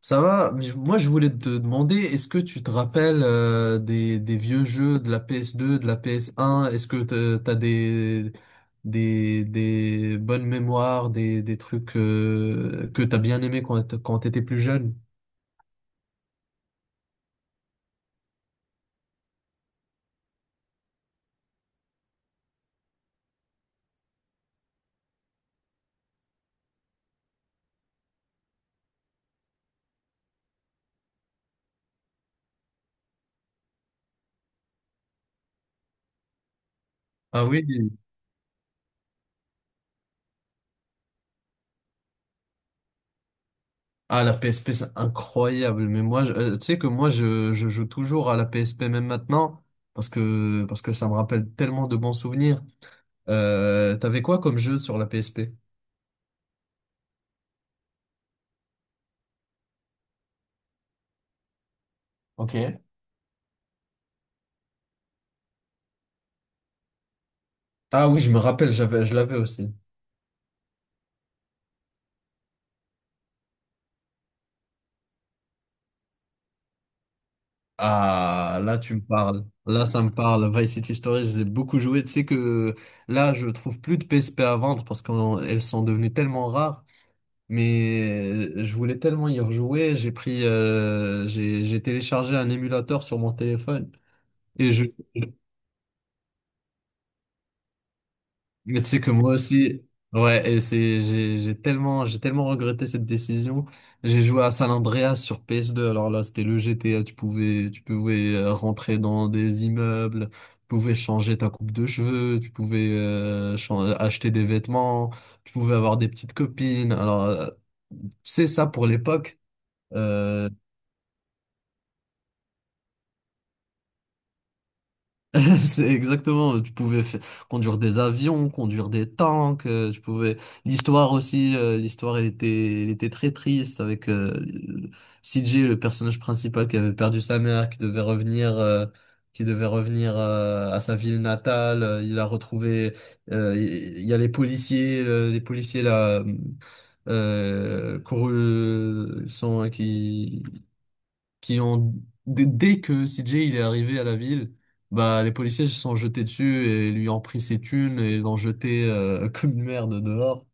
Ça va, mais moi je voulais te demander, est-ce que tu te rappelles des vieux jeux de la PS2, de la PS1? Est-ce que t'as des bonnes mémoires, des trucs que t'as bien aimé quand t'étais plus jeune? Ah oui? Ah, la PSP c'est incroyable, mais moi tu sais que moi je joue toujours à la PSP même maintenant parce que ça me rappelle tellement de bons souvenirs. T'avais quoi comme jeu sur la PSP? Ok. Ah oui, je me rappelle, j'avais, je l'avais aussi. Ah, là, tu me parles. Là, ça me parle. Vice City Stories, j'ai beaucoup joué. Tu sais que là, je trouve plus de PSP à vendre parce qu'elles sont devenues tellement rares. Mais je voulais tellement y rejouer. J'ai téléchargé un émulateur sur mon téléphone et je, mais tu sais que moi aussi, ouais, j'ai tellement regretté cette décision. J'ai joué à San Andreas sur PS2. Alors là, c'était le GTA. Tu pouvais rentrer dans des immeubles, tu pouvais changer ta coupe de cheveux, tu pouvais acheter des vêtements, tu pouvais avoir des petites copines. Alors, c'est ça pour l'époque. euh, C'est exactement, tu pouvais conduire des avions, conduire des tanks, tu pouvais. L'histoire aussi, l'histoire elle était très triste avec CJ, le personnage principal qui avait perdu sa mère, qui devait revenir à sa ville natale. Il a retrouvé, il y a les policiers, les policiers là, courus, sont hein, qui ont dès que CJ il est arrivé à la ville, bah les policiers se sont jetés dessus et lui ont pris ses thunes et l'ont jeté comme une merde dehors.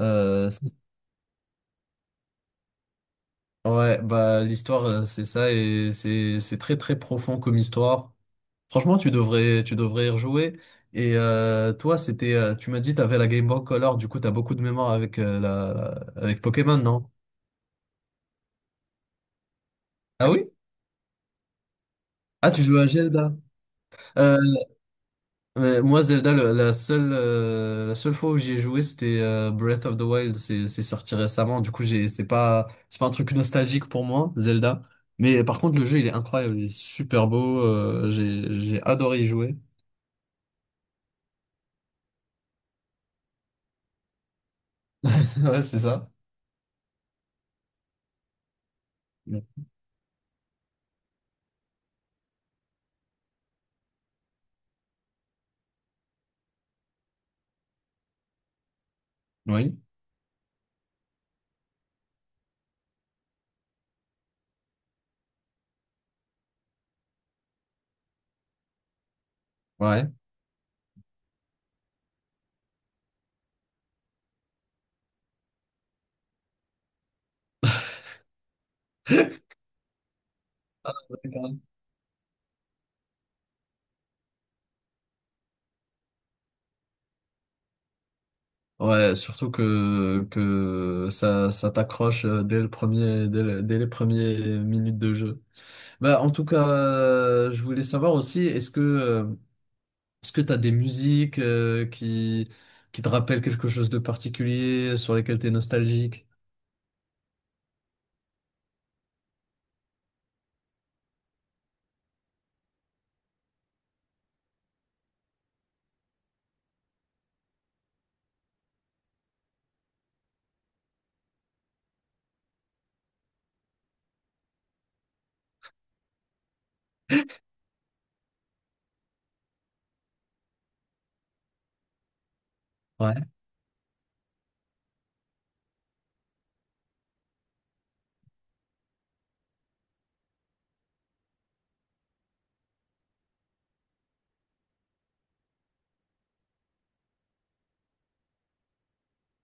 Euh, c'est- ouais, bah l'histoire c'est ça et c'est très très profond comme histoire. Franchement, tu devrais y rejouer. Toi, c'était tu m'as dit t'avais la Game Boy Color, du coup t'as beaucoup de mémoire avec avec Pokémon, non? Ah oui? Ah, tu joues à Zelda. Euh, Ouais, moi, Zelda, la seule fois où j'y ai joué, c'était Breath of the Wild. C'est sorti récemment. C'est pas un truc nostalgique pour moi, Zelda. Mais par contre, le jeu, il est incroyable. Il est super beau. J'ai adoré y jouer. Ouais, c'est ça. Ouais. Oui. Ouais. Ouais, ouais, surtout que, que ça t'accroche dès le premier, dès les premières minutes de jeu. Bah, en tout cas, je voulais savoir aussi, est-ce que t'as des musiques qui te rappellent quelque chose de particulier, sur lesquelles t'es nostalgique? Ouais.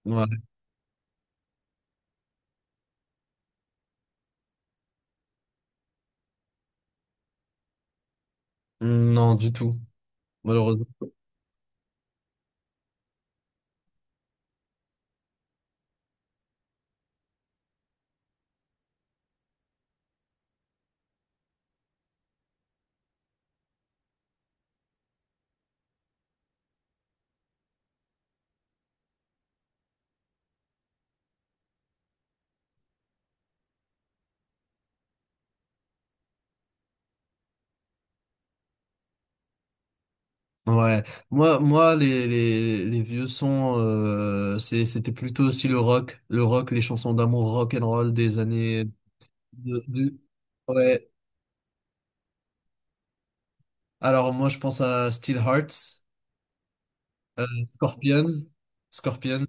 Ouais. Non, du tout, malheureusement. Ouais. Moi, les vieux sons, c'était plutôt aussi le rock, les chansons d'amour rock and roll des années de, du- ouais. Alors moi, je pense à Steel Hearts, euh, Scorpions, Scorpions.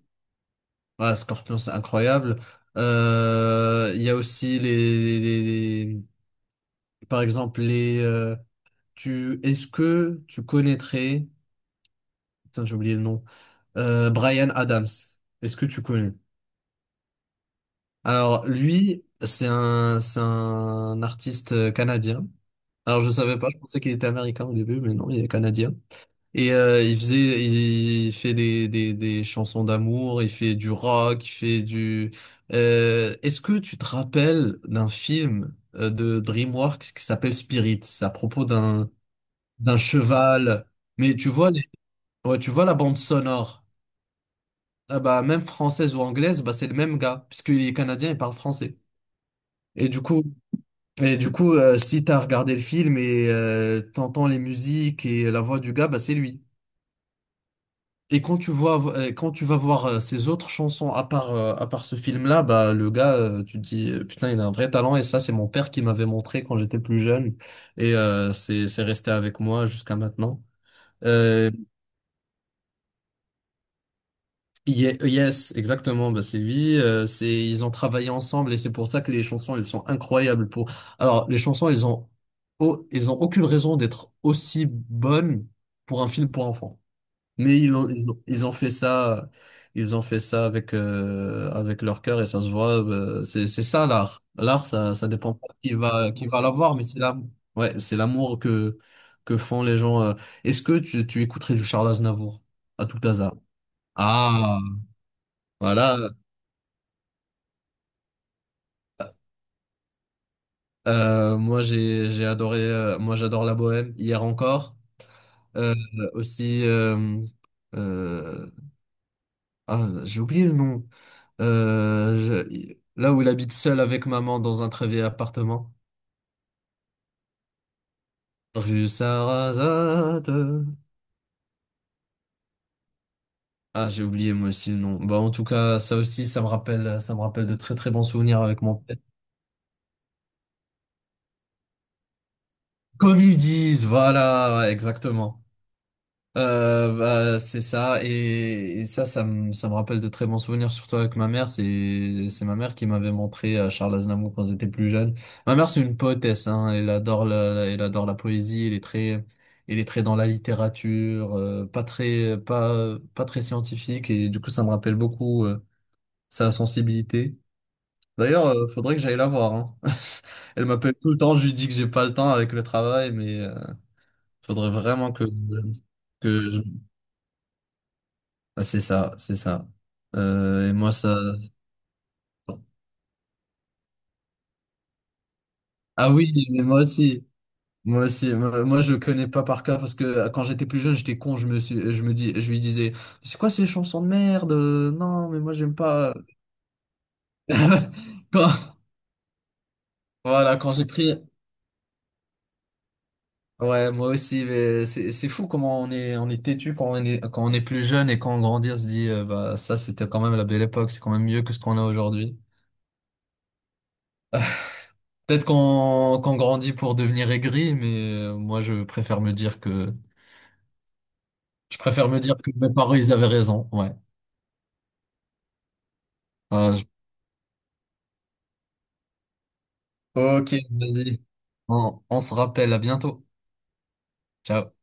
Ah, Scorpions, c'est incroyable. Il y a aussi par exemple, est-ce que tu connaîtrais, putain, j'ai oublié le nom, Brian Adams. Est-ce que tu connais? Alors, lui, c'est un artiste canadien. Alors, je savais pas, je pensais qu'il était américain au début, mais non, il est canadien. Et il fait des chansons d'amour, il fait du rock, il fait du. Est-ce que tu te rappelles d'un film de DreamWorks qui s'appelle Spirit? C'est à propos d'un cheval. Mais tu vois, les. Ouais, tu vois la bande sonore. Ah bah, même française ou anglaise, bah, c'est le même gars, puisqu'il est canadien, il parle français. Et du coup, et du coup, si t'as regardé le film et t'entends les musiques et la voix du gars, bah, c'est lui. Et quand tu vas voir ses autres chansons à part ce film-là, bah, le gars, tu te dis, putain, il a un vrai talent et ça, c'est mon père qui m'avait montré quand j'étais plus jeune. Et c'est resté avec moi jusqu'à maintenant. Euh, Yes, exactement, bah c'est lui, c'est ils ont travaillé ensemble et c'est pour ça que les chansons elles sont incroyables. Pour alors les chansons elles ont aucune raison d'être aussi bonnes pour un film pour enfants. Mais ils ont fait ça avec leur cœur et ça se voit. C'est ça l'art. L'art, ça dépend pas qui va l'avoir, mais c'est l'amour. Ouais, c'est l'amour que font les gens. Est-ce que tu écouterais du Charles Aznavour à tout hasard? Ah. Voilà, moi j'ai adoré, moi j'adore la bohème, hier encore. Euh, Aussi, euh, j'ai oublié le nom. Là où il habite seul avec maman dans un très vieil appartement. Rue Sarrazate. Ah, j'ai oublié moi aussi le nom. Bah, en tout cas, ça aussi, ça me rappelle de très très bons souvenirs avec mon père. Comme ils disent, voilà, ouais, exactement. Bah, c'est ça, et ça me rappelle de très bons souvenirs, surtout avec ma mère. C'est ma mère qui m'avait montré Charles Aznavour quand j'étais plus jeune. Ma mère, c'est une poétesse, hein, elle adore la poésie. Elle est très dans la littérature, pas très scientifique, et du coup ça me rappelle beaucoup sa sensibilité. D'ailleurs, faudrait que j'aille la voir, hein. Elle m'appelle tout le temps, je lui dis que j'ai pas le temps avec le travail, mais faudrait vraiment que que ah, c'est ça, c'est ça. Et moi, ça. Ah oui, mais moi aussi. Moi aussi. Je connais pas par cœur parce que quand j'étais plus jeune, j'étais con. Je me suis, je me dis, je lui disais, c'est quoi ces chansons de merde? Non, mais moi, j'aime pas. Quand- Voilà, quand j'ai pris. Ouais, moi aussi, mais c'est fou comment on est têtu quand on est plus jeune, et quand on grandit, on se dit, bah, ça, c'était quand même la belle époque. C'est quand même mieux que ce qu'on a aujourd'hui. Peut-être qu'on grandit pour devenir aigri, mais moi je préfère me dire que mes parents ils avaient raison. Ouais. Euh, je- Ok, vas-y. On se rappelle. À bientôt. Ciao.